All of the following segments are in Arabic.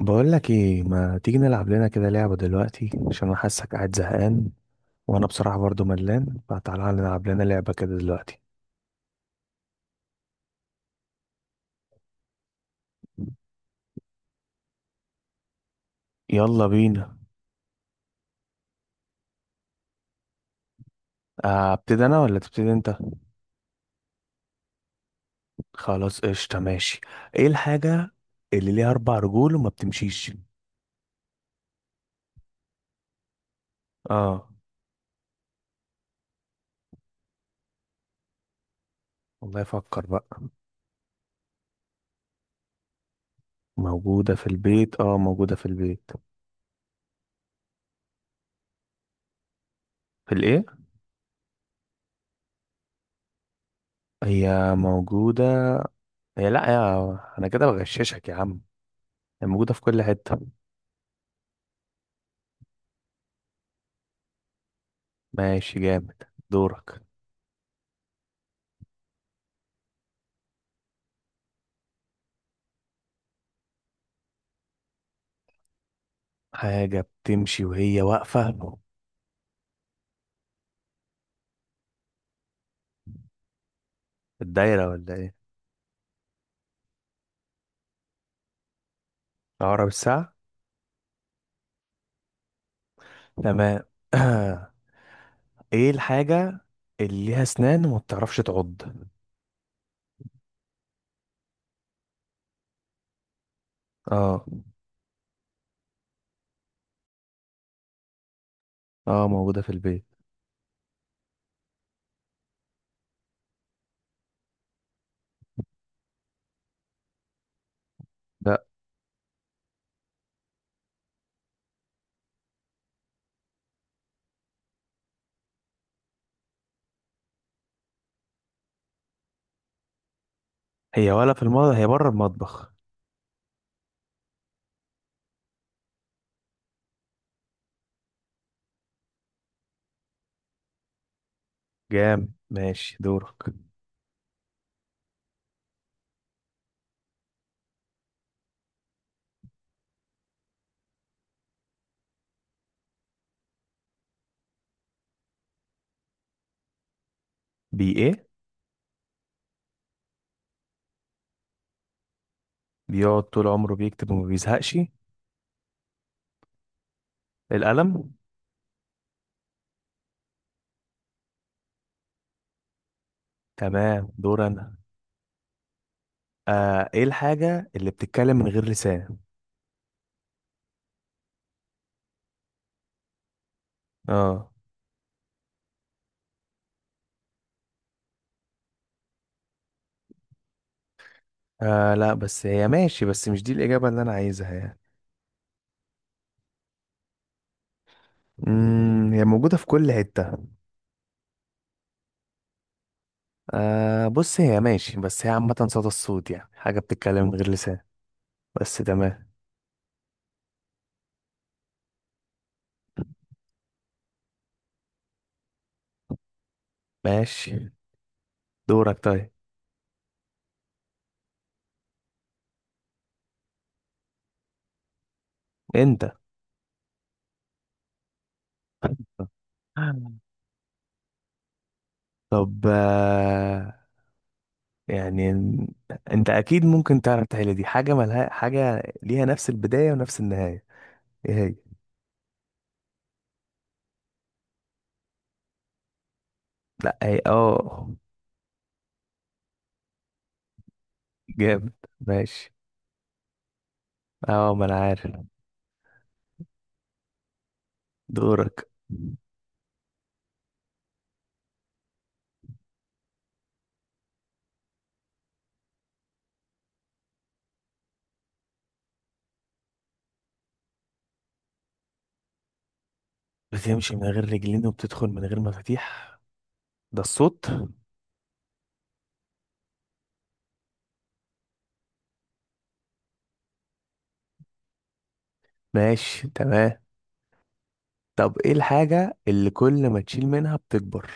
بقول لك ايه، ما تيجي نلعب لنا كده لعبة دلوقتي عشان انا حاسك قاعد زهقان. وانا بصراحة برضو ملان، فتعالى نلعب لنا لعبة كده دلوقتي. يلا بينا. ابتدي انا ولا تبتدي انت؟ خلاص قشطة ماشي. ايه الحاجة اللي ليها اربع رجول وما بتمشيش؟ اه. والله فكر بقى. موجودة في البيت، اه، موجودة في البيت. في الايه؟ هي موجودة، هي لا يا، انا كده بغششك يا عم. هي موجودة في كل حتة. ماشي جامد. دورك. حاجة بتمشي وهي واقفة. الدايرة ولا ايه؟ عقرب الساعة. تمام. ايه الحاجة اللي ليها اسنان وما بتعرفش تعض؟ اه. اه موجودة في البيت. لا. هي ولا في المطبخ، هي بره المطبخ. جام ماشي دورك. بي ايه؟ بيقعد طول عمره بيكتب وما بيزهقش. القلم. تمام دور انا. ايه الحاجة اللي بتتكلم من غير لسان؟ اه. لا بس هي ماشي، بس مش دي الإجابة اللي أنا عايزها يعني. هي موجودة في كل حتة. بص، هي ماشي بس هي عامة صدى الصوت، يعني حاجة بتتكلم من غير لسان بس. تمام. ماشي دورك طيب. انت. طب، يعني انت اكيد ممكن تعرف تحل دي. حاجة ملها، حاجة ليها نفس البداية ونفس النهاية. ايه هي؟ لا، هي اه. جامد. ماشي. اه ما انا عارف. دورك. بتمشي من غير رجلين وبتدخل من غير مفاتيح. ده الصوت. ماشي تمام. طب ايه الحاجة اللي كل ما تشيل منها بتكبر؟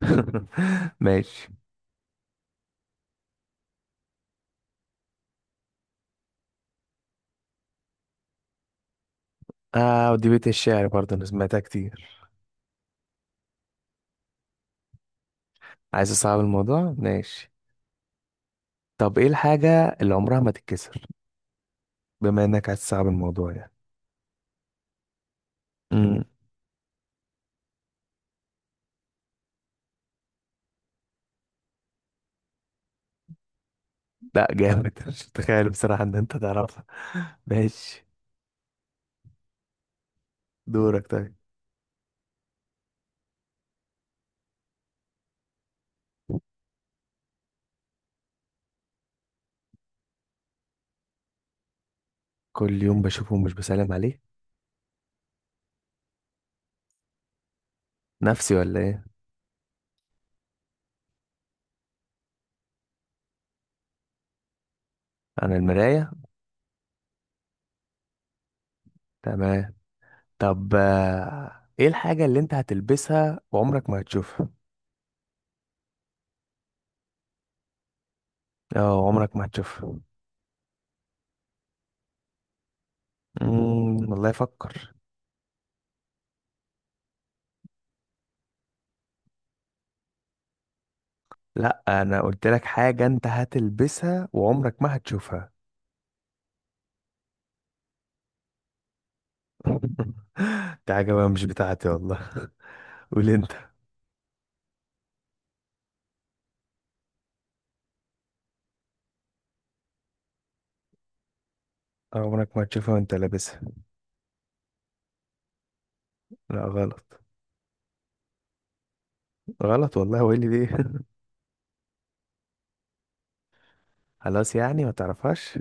ماشي. اه، ودي بيت الشعر برضه انا سمعتها كتير. عايز اصعب الموضوع ماشي. طب ايه الحاجة اللي عمرها ما تتكسر؟ بما انك عايز تصعب الموضوع يعني. امم. لا، جامد، مش متخيل بصراحة ان انت تعرفها. ماشي. دورك طيب. كل يوم بشوفه ومش بسلم عليه. نفسي ولا ايه؟ انا المراية. تمام. طب، ايه الحاجة اللي انت هتلبسها وعمرك ما هتشوفها؟ اه، عمرك ما هتشوفها. والله افكر. لا، انا قلت لك حاجة انت هتلبسها وعمرك ما هتشوفها. دي حاجة بقى مش بتاعتي والله. قول انت. عمرك ما هتشوفها وانت لابسها. لا غلط. غلط والله، وايه اللي ليه؟ خلاص يعني ما تعرفهاش.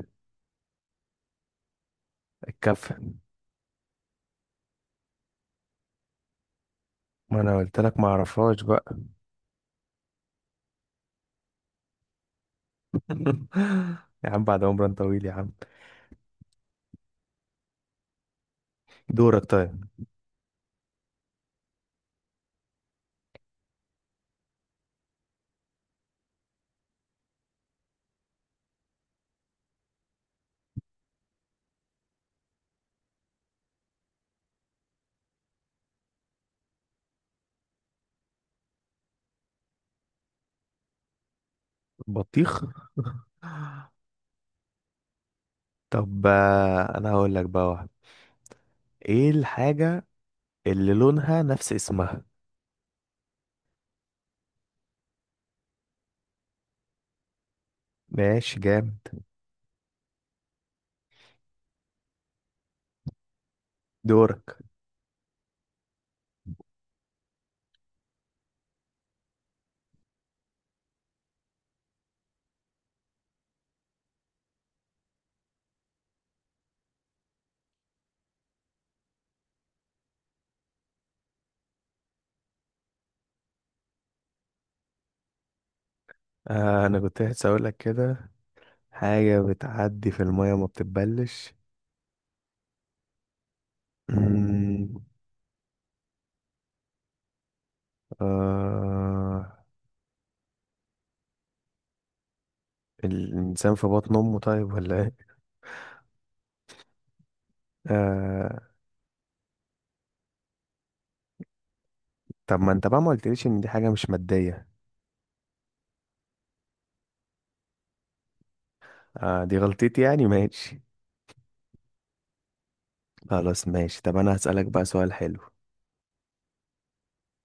الكف. ما انا قلت لك ما اعرفهاش بقى. يا عم بعد عمر طويل يا عم. دورك طيب. بطيخ. طب، انا هقول لك بقى واحد. ايه الحاجة اللي لونها نفس اسمها؟ ماشي جامد. دورك. انا كنت لسه اقول لك كده. حاجه بتعدي في الميه وما بتتبلش. مم، آه الانسان في بطن امه طيب ولا ايه؟ آه. طب ما انت بقى ما قلتليش ان دي حاجه مش ماديه؟ آه، دي غلطتي يعني ماشي. خلاص ماشي. طب انا هسألك بقى سؤال حلو.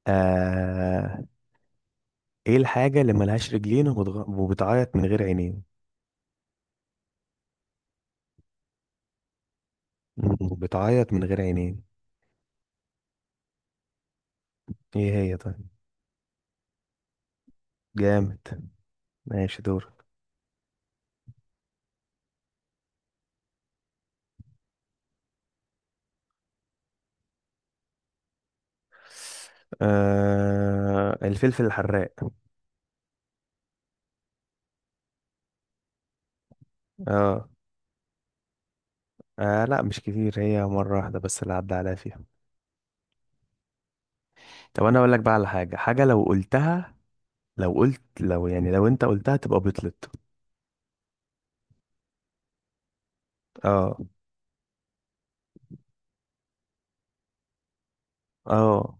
آه... ايه الحاجة اللي ملهاش رجلين وبتعيط من غير عينين؟ وبتعيط من غير عينين. ايه هي طيب؟ جامد. ماشي دور. الفلفل الحراق. اه. لا مش كتير، هي مرة واحدة بس اللي عدى عليها فيها. طب انا اقول لك بقى على حاجة. حاجة لو قلتها، لو يعني لو انت قلتها تبقى بطلت. اه. اه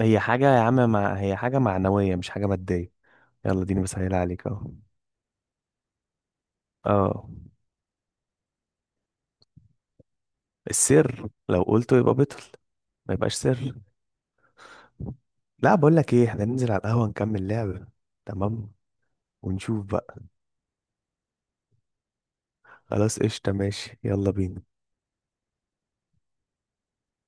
هي حاجة يا عم هي حاجة معنوية مش حاجة مادية. يلا ديني بسهل عليك اهو. اه. السر لو قلته يبقى بطل. ما يبقاش سر. لا بقول لك ايه، احنا ننزل على القهوة نكمل لعبة. تمام. ونشوف بقى. خلاص قشطة ماشي يلا بينا.